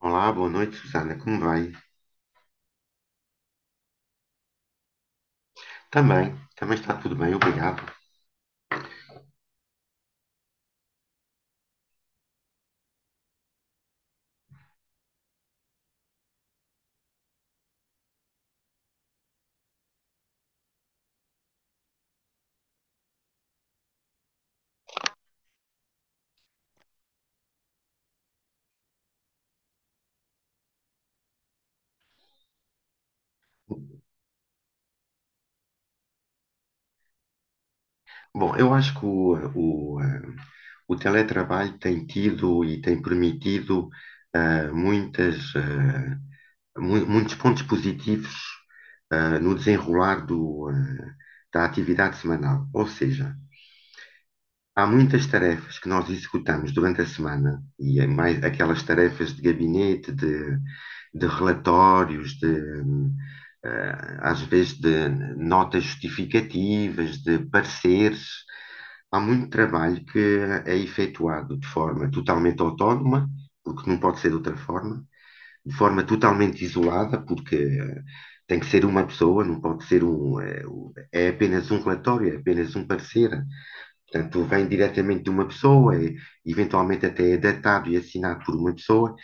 Olá, boa noite, Susana. Como vai? Também, também está tudo bem, obrigado. Bom, eu acho que o o teletrabalho tem tido e tem permitido muitas, muitos pontos positivos no desenrolar da atividade semanal. Ou seja, há muitas tarefas que nós executamos durante a semana, e é mais aquelas tarefas de gabinete, de relatórios, de, às vezes de notas justificativas, de pareceres. Há muito trabalho que é efetuado de forma totalmente autónoma, porque não pode ser de outra forma, de forma totalmente isolada, porque tem que ser uma pessoa, não pode ser é apenas um relatório, é apenas um parecer. Portanto, vem diretamente de uma pessoa, eventualmente até é datado e assinado por uma pessoa.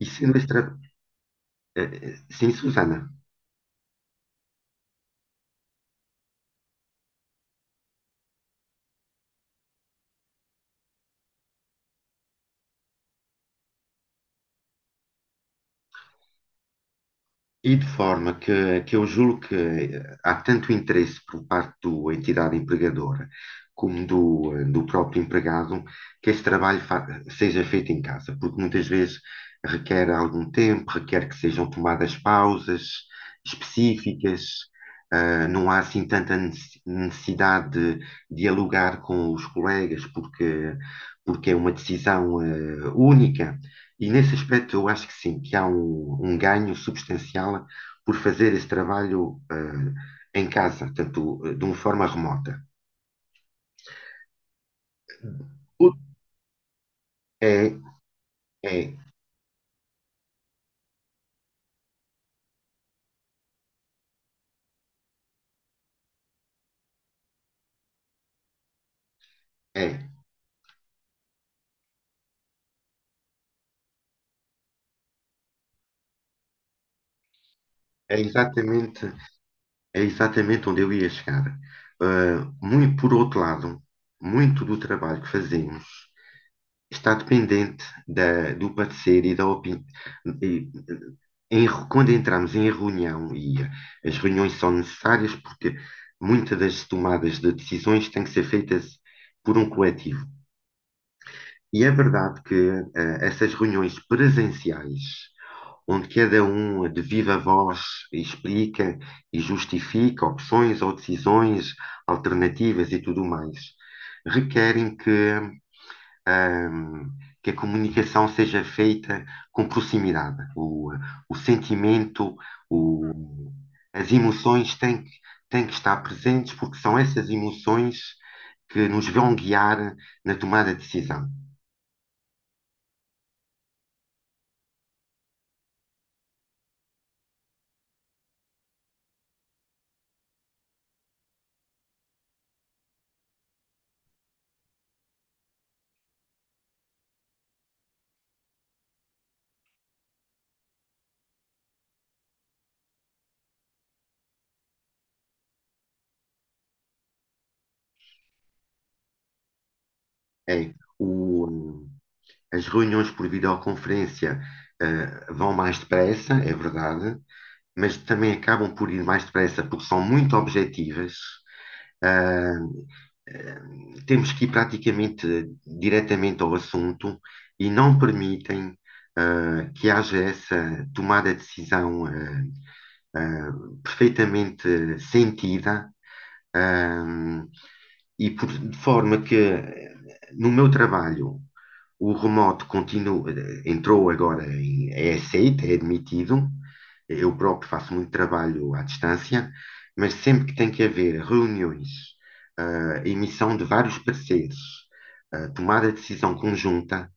E sendo extra... eh, eh, Sim, Susana. E de forma que eu julgo que há tanto interesse por parte da entidade empregadora como do, do próprio empregado que esse trabalho seja feito em casa, porque muitas vezes requer algum tempo, requer que sejam tomadas pausas específicas. Não há assim tanta necessidade de dialogar com os colegas, porque, porque é uma decisão, única. E nesse aspecto eu acho que sim, que há um ganho substancial por fazer esse trabalho em casa, tanto de uma forma remota. O- É, é, é, é exatamente, é exatamente onde eu ia chegar. Eh, Muito, por outro lado, muito do trabalho que fazemos está dependente do parecer e da opinião quando entramos em reunião, e as reuniões são necessárias porque muitas das tomadas de decisões têm que ser feitas por um coletivo. E é verdade que essas reuniões presenciais, onde cada um de viva voz explica e justifica opções ou decisões alternativas e tudo mais, requerem ahm, que a comunicação seja feita com proximidade. O sentimento, o, as emoções têm que estar presentes, porque são essas emoções que nos vão guiar na tomada de decisão. É, o, as reuniões por videoconferência, eh, vão mais depressa, é verdade, mas também acabam por ir mais depressa porque são muito objetivas. Ah, Temos que ir praticamente diretamente ao assunto e não permitem que haja essa tomada de decisão ah, perfeitamente sentida. ah, e por, de forma que no meu trabalho o remoto continua, entrou agora em, é aceito, é admitido. Eu próprio faço muito trabalho à distância, mas sempre que tem que haver reuniões, emissão de vários pareceres, tomada de decisão conjunta,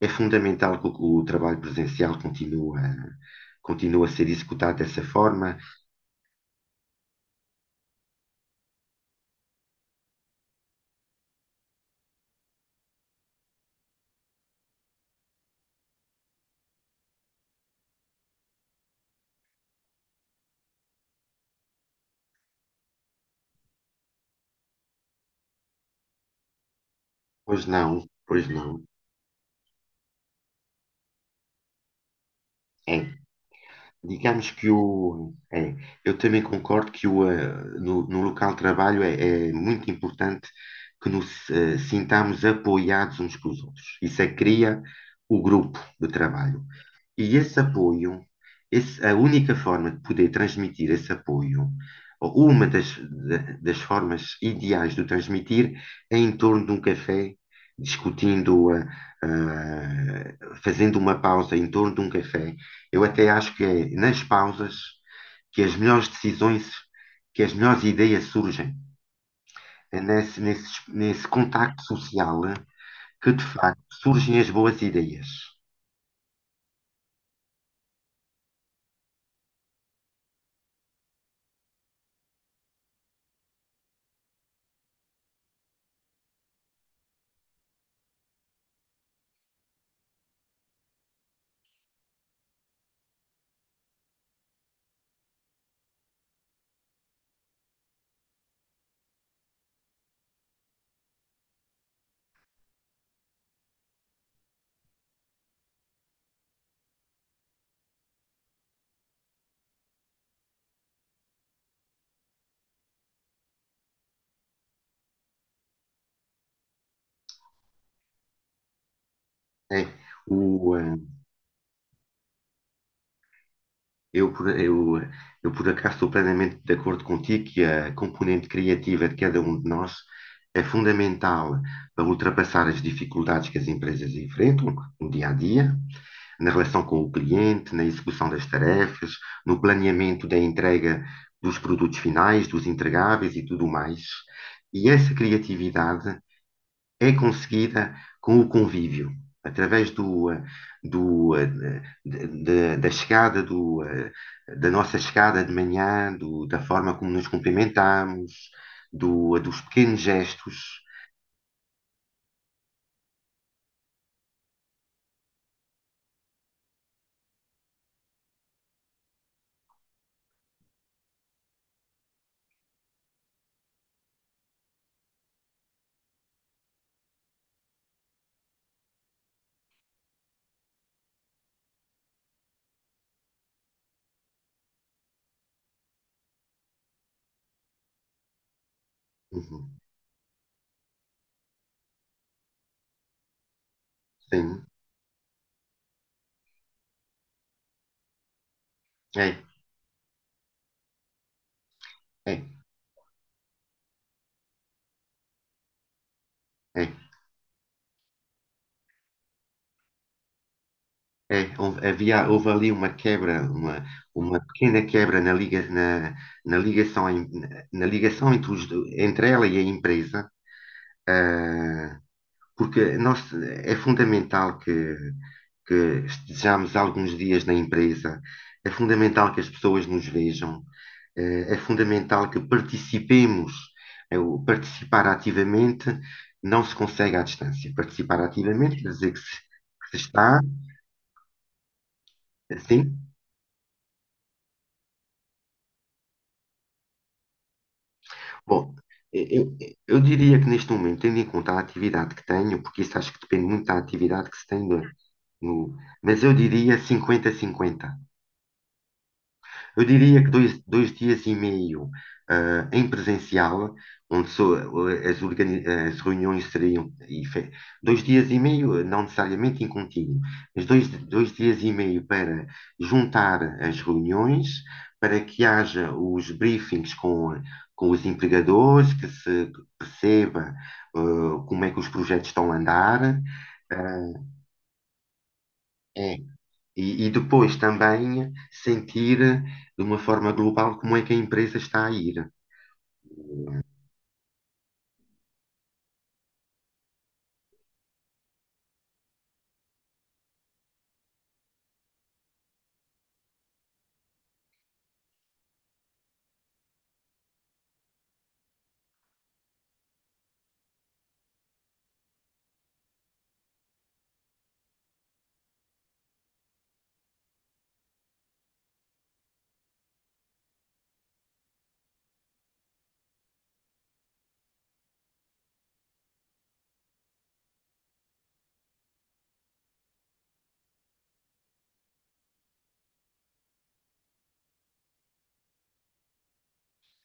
é fundamental que o trabalho presencial continue, continue a ser executado dessa forma. Pois não, pois não. É. Digamos que o. é, eu também concordo que no local de trabalho é, é muito importante que nos sintamos apoiados uns com os outros. Isso é que cria o grupo de trabalho. E esse apoio, esse, a única forma de poder transmitir esse apoio, ou uma das, das formas ideais de o transmitir, é em torno de um café, discutindo, eh, fazendo uma pausa em torno de um café. Eu até acho que é nas pausas que as melhores decisões, que as melhores ideias surgem. É nesse nesse contacto social que, de facto, surgem as boas ideias. É, o, eu, eu, por acaso, estou plenamente de acordo contigo que a componente criativa de cada um de nós é fundamental para ultrapassar as dificuldades que as empresas enfrentam no dia a dia na relação com o cliente, na execução das tarefas, no planeamento da entrega dos produtos finais, dos entregáveis e tudo mais. E essa criatividade é conseguida com o convívio, através do, da chegada, da nossa chegada de manhã, da forma como nos cumprimentamos, dos pequenos gestos. Uhum. Sim, é, é, é. É, houve, havia, houve ali uma quebra, uma pequena quebra na na ligação, na ligação entre, entre ela e a empresa, ah, porque nós, é fundamental que estejamos alguns dias na empresa, é fundamental que as pessoas nos vejam, é fundamental que participemos. O participar ativamente não se consegue à distância. Participar ativamente quer dizer que se está, sim. Bom, eu, eu diria que neste momento, tendo em conta a atividade que tenho, porque isso acho que depende muito da atividade que se tem, mas eu diria 50 cinquenta. Eu diria que dois dias e meio em presencial, onde só, as reuniões seriam. Dois dias e meio, não necessariamente em contínuo, mas dois dias e meio para juntar as reuniões, para que haja os briefings com os empregadores, que se perceba, como é que os projetos estão a andar. Eh, é, e depois também sentir de uma forma global como é que a empresa está a ir.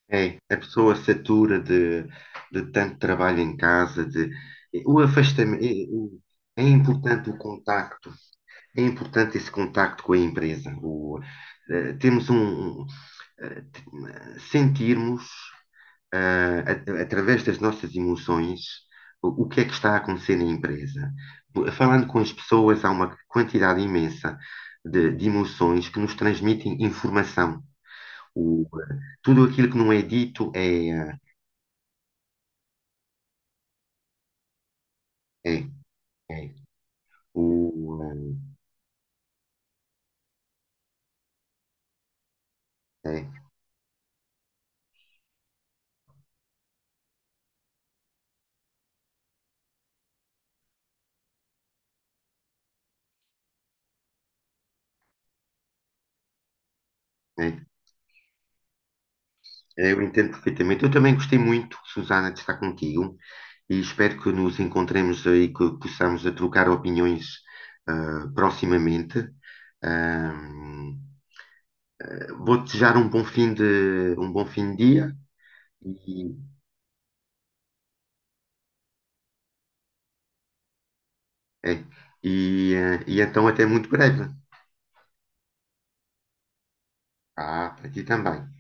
É, a pessoa satura de tanto trabalho em casa, de, o afastamento. É importante o contacto, é importante esse contacto com a empresa. O, temos um, eh, t- sentirmos através das nossas emoções, o que é que está a acontecer na empresa. Falando com as pessoas, há uma quantidade imensa de emoções que nos transmitem informação. O, ah, Tudo aquilo que não é dito é, é. O, É, é. Eu entendo perfeitamente. Eu também gostei muito, Susana, de estar contigo e espero que nos encontremos aí, que possamos a trocar opiniões proximamente. Ah, Vou desejar um bom fim de, um bom fim de dia e, é, e então até muito breve. Ah, para ti também.